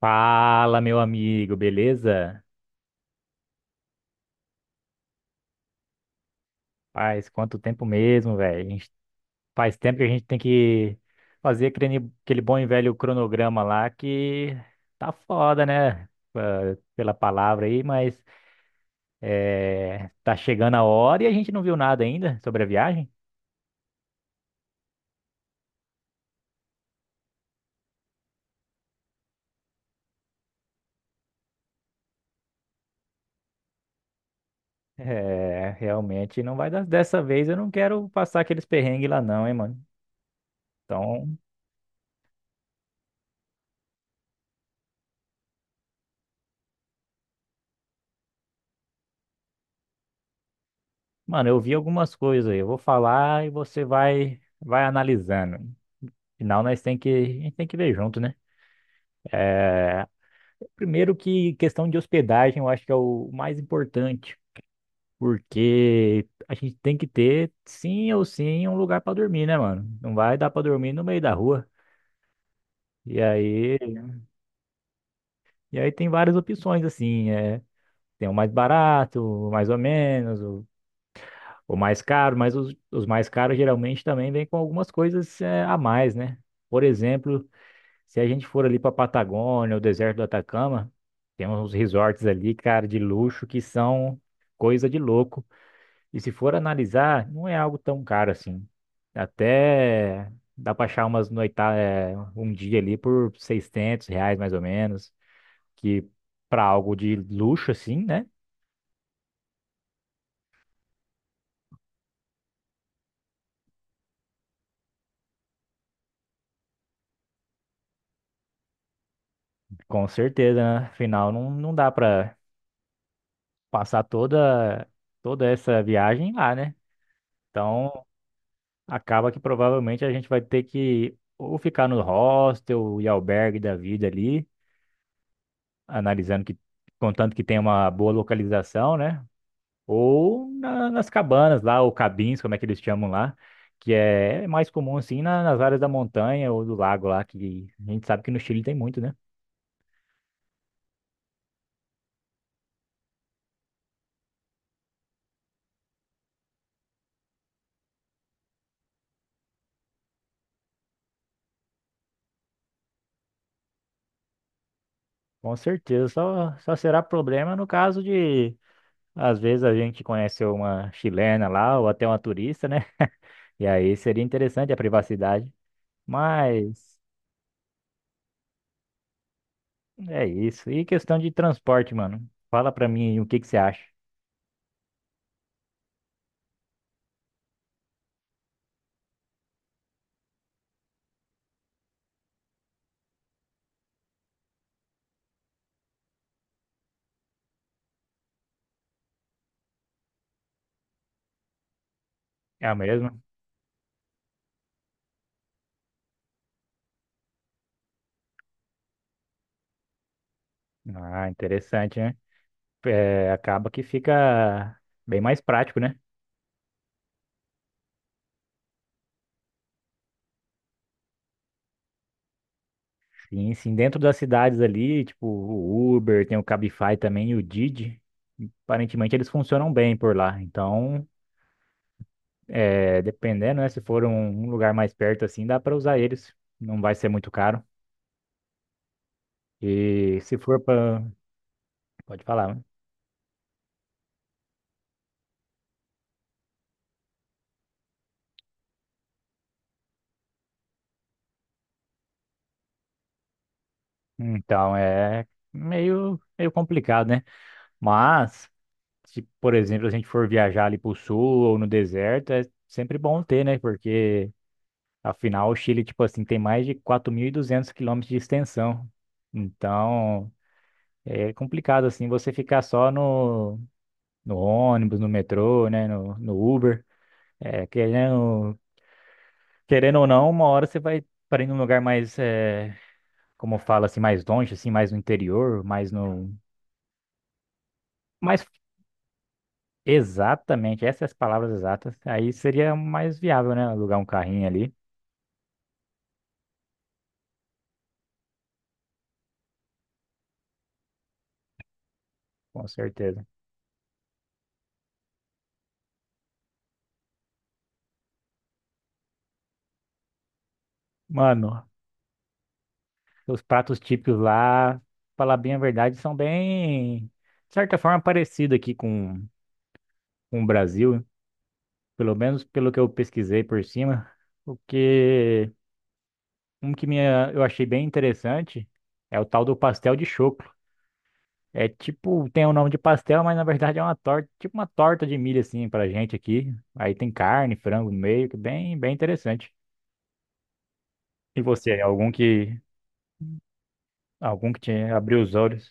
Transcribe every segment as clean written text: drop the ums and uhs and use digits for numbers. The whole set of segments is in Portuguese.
Fala, meu amigo, beleza? Faz quanto tempo mesmo, velho? Faz tempo que a gente tem que fazer aquele bom e velho cronograma lá que tá foda, né? Pela palavra aí, mas é, tá chegando a hora e a gente não viu nada ainda sobre a viagem. É, realmente não vai dar. Dessa vez eu não quero passar aqueles perrengues lá, não, hein, mano? Então, mano, eu vi algumas coisas aí. Eu vou falar e você vai analisando. Final, a gente tem que ver junto, né? É, primeiro que questão de hospedagem, eu acho que é o mais importante, porque a gente tem que ter, sim ou sim, um lugar para dormir, né, mano? Não vai dar para dormir no meio da rua. E aí, e aí, tem várias opções, assim, tem o mais barato, o mais ou menos, o mais caro, mas os mais caros geralmente também vêm com algumas coisas, a mais, né? Por exemplo, se a gente for ali pra Patagônia, o deserto do Atacama, tem uns resorts ali, cara, de luxo que são coisa de louco. E se for analisar, não é algo tão caro assim. Até dá para achar um dia ali por R$ 600 mais ou menos, que para algo de luxo assim, né? Com certeza, né? Afinal, não dá para passar toda toda essa viagem lá, né? Então, acaba que provavelmente a gente vai ter que ou ficar no hostel e albergue da vida ali, analisando que, contanto que tenha uma boa localização, né? Ou nas cabanas lá, ou cabins, como é que eles chamam lá, que é mais comum assim nas áreas da montanha ou do lago lá, que a gente sabe que no Chile tem muito, né? Com certeza, só será problema no caso de, às vezes, a gente conhece uma chilena lá ou até uma turista, né? E aí seria interessante a privacidade. Mas é isso. E questão de transporte, mano. Fala pra mim o que que você acha. É o mesmo? Ah, interessante, né? É, acaba que fica bem mais prático, né? Sim, sim. Dentro das cidades ali, tipo o Uber, tem o Cabify também e o Didi. Aparentemente eles funcionam bem por lá. Então dependendo, né? Se for um lugar mais perto assim, dá pra usar eles. Não vai ser muito caro. E se for pra. Pode falar, né? Então é meio complicado, né? Mas, se, por exemplo, a gente for viajar ali pro sul ou no deserto, é sempre bom ter, né? Porque afinal o Chile, tipo assim, tem mais de 4.200 quilômetros de extensão. Então é complicado assim você ficar só no ônibus, no metrô, né? No Uber. É, querendo ou não, uma hora você vai para ir num lugar mais, como fala assim, mais longe, assim, mais no interior, mais no, mais exatamente, essas as palavras exatas. Aí seria mais viável, né? Alugar um carrinho ali, com certeza. Mano, os pratos típicos lá, falar bem a verdade, são bem, de certa forma, parecidos aqui com, o Brasil, pelo menos pelo que eu pesquisei por cima. Porque eu achei bem interessante é o tal do pastel de choco. É tipo, tem o nome de pastel, mas na verdade é uma torta, tipo uma torta de milho assim pra gente aqui. Aí tem carne, frango no meio, que é bem, bem interessante. E você, algum que te abriu os olhos?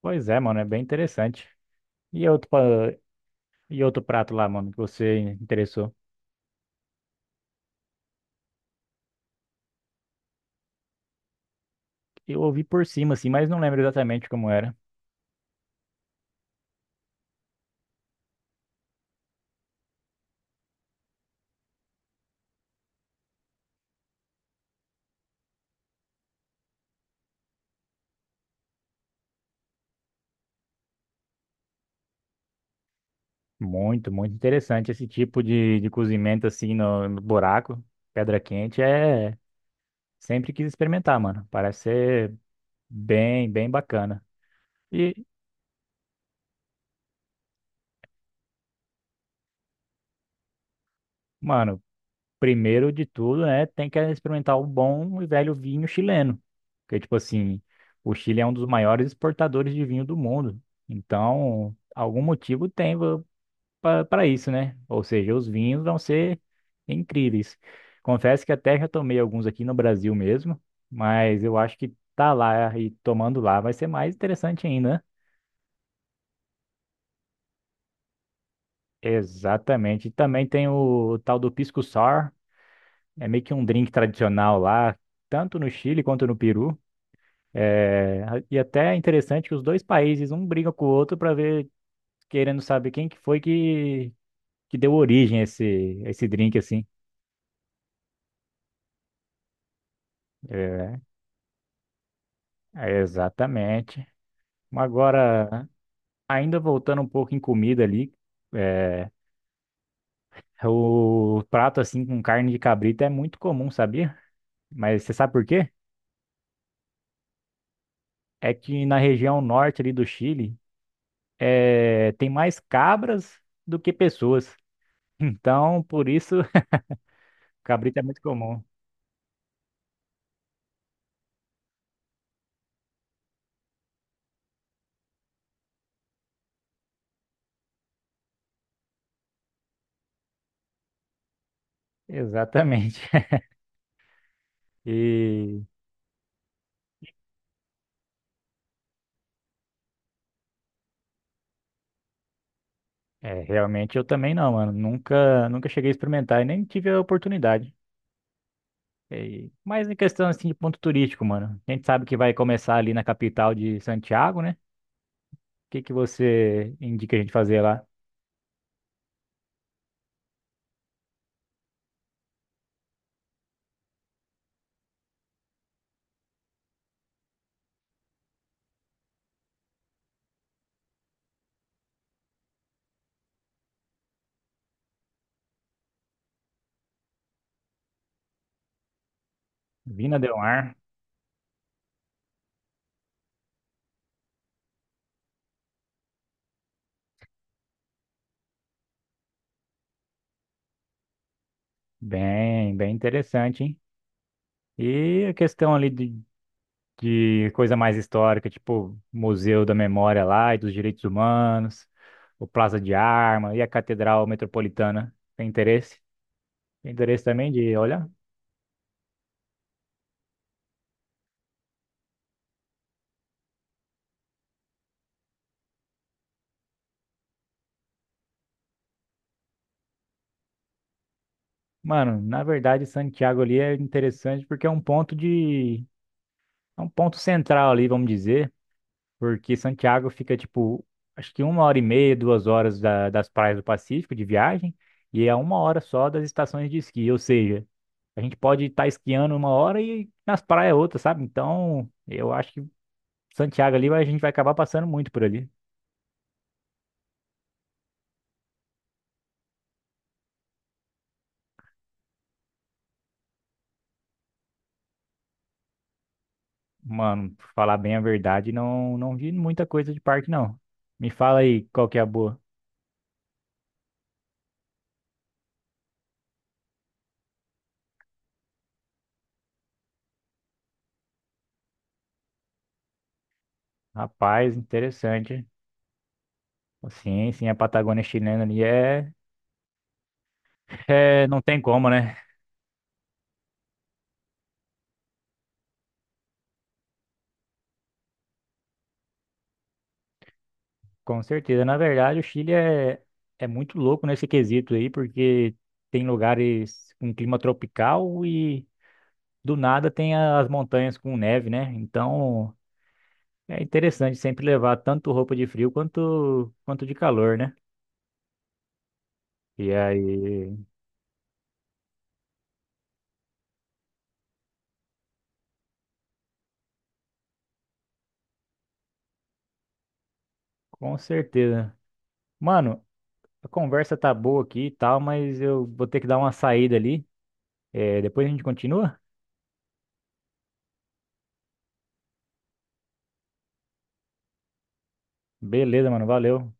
Pois é, mano, é bem interessante. E outro, pa- e outro prato lá, mano, que você interessou? Eu ouvi por cima assim, mas não lembro exatamente como era. Muito, muito interessante esse tipo de cozimento assim no buraco, pedra quente, sempre quis experimentar, mano. Parece ser bem, bem bacana. E, mano, primeiro de tudo, né, tem que experimentar o bom e velho vinho chileno. Porque, tipo assim, o Chile é um dos maiores exportadores de vinho do mundo. Então, algum motivo tem para isso, né? Ou seja, os vinhos vão ser incríveis. Confesso que até já tomei alguns aqui no Brasil mesmo, mas eu acho que tá lá e tomando lá vai ser mais interessante ainda, né? Exatamente. E também tem o tal do Pisco Sour. É meio que um drink tradicional lá, tanto no Chile quanto no Peru. É, e até é interessante que os dois países, um briga com o outro para ver, querendo saber quem que, foi que deu origem a esse drink, assim. É, é exatamente. Mas agora, ainda voltando um pouco em comida ali, é, o prato assim com carne de cabrito é muito comum, sabia? Mas você sabe por quê? É que na região norte ali do Chile, tem mais cabras do que pessoas. Então, por isso, cabrito é muito comum. Exatamente. E realmente eu também não, mano. Nunca, nunca cheguei a experimentar e nem tive a oportunidade. Mas em questão assim de ponto turístico, mano. A gente sabe que vai começar ali na capital de Santiago, né? O que que você indica a gente fazer lá? Vina del Mar. Bem, bem interessante, hein? E a questão ali de coisa mais histórica, tipo Museu da Memória lá e dos Direitos Humanos, o Plaza de Arma e a Catedral Metropolitana. Tem interesse? Tem interesse também de olhar? Mano, na verdade, Santiago ali é interessante porque é um ponto de. É um ponto central ali, vamos dizer. Porque Santiago fica, tipo, acho que uma hora e meia, 2 horas das praias do Pacífico de viagem, e é uma hora só das estações de esqui, ou seja, a gente pode estar esquiando uma hora e nas praias outra, sabe? Então, eu acho que Santiago ali a gente vai acabar passando muito por ali. Mano, pra falar bem a verdade, não vi muita coisa de parque, não. Me fala aí qual que é a boa. Rapaz, interessante. Sim, sim, a Patagônia chilena ali é, não tem como, né? Com certeza. Na verdade, o Chile é muito louco nesse quesito aí, porque tem lugares com clima tropical e do nada tem as montanhas com neve, né? Então é interessante sempre levar tanto roupa de frio quanto de calor, né? E aí, com certeza. Mano, a conversa tá boa aqui e tal, mas eu vou ter que dar uma saída ali. É, depois a gente continua? Beleza, mano. Valeu.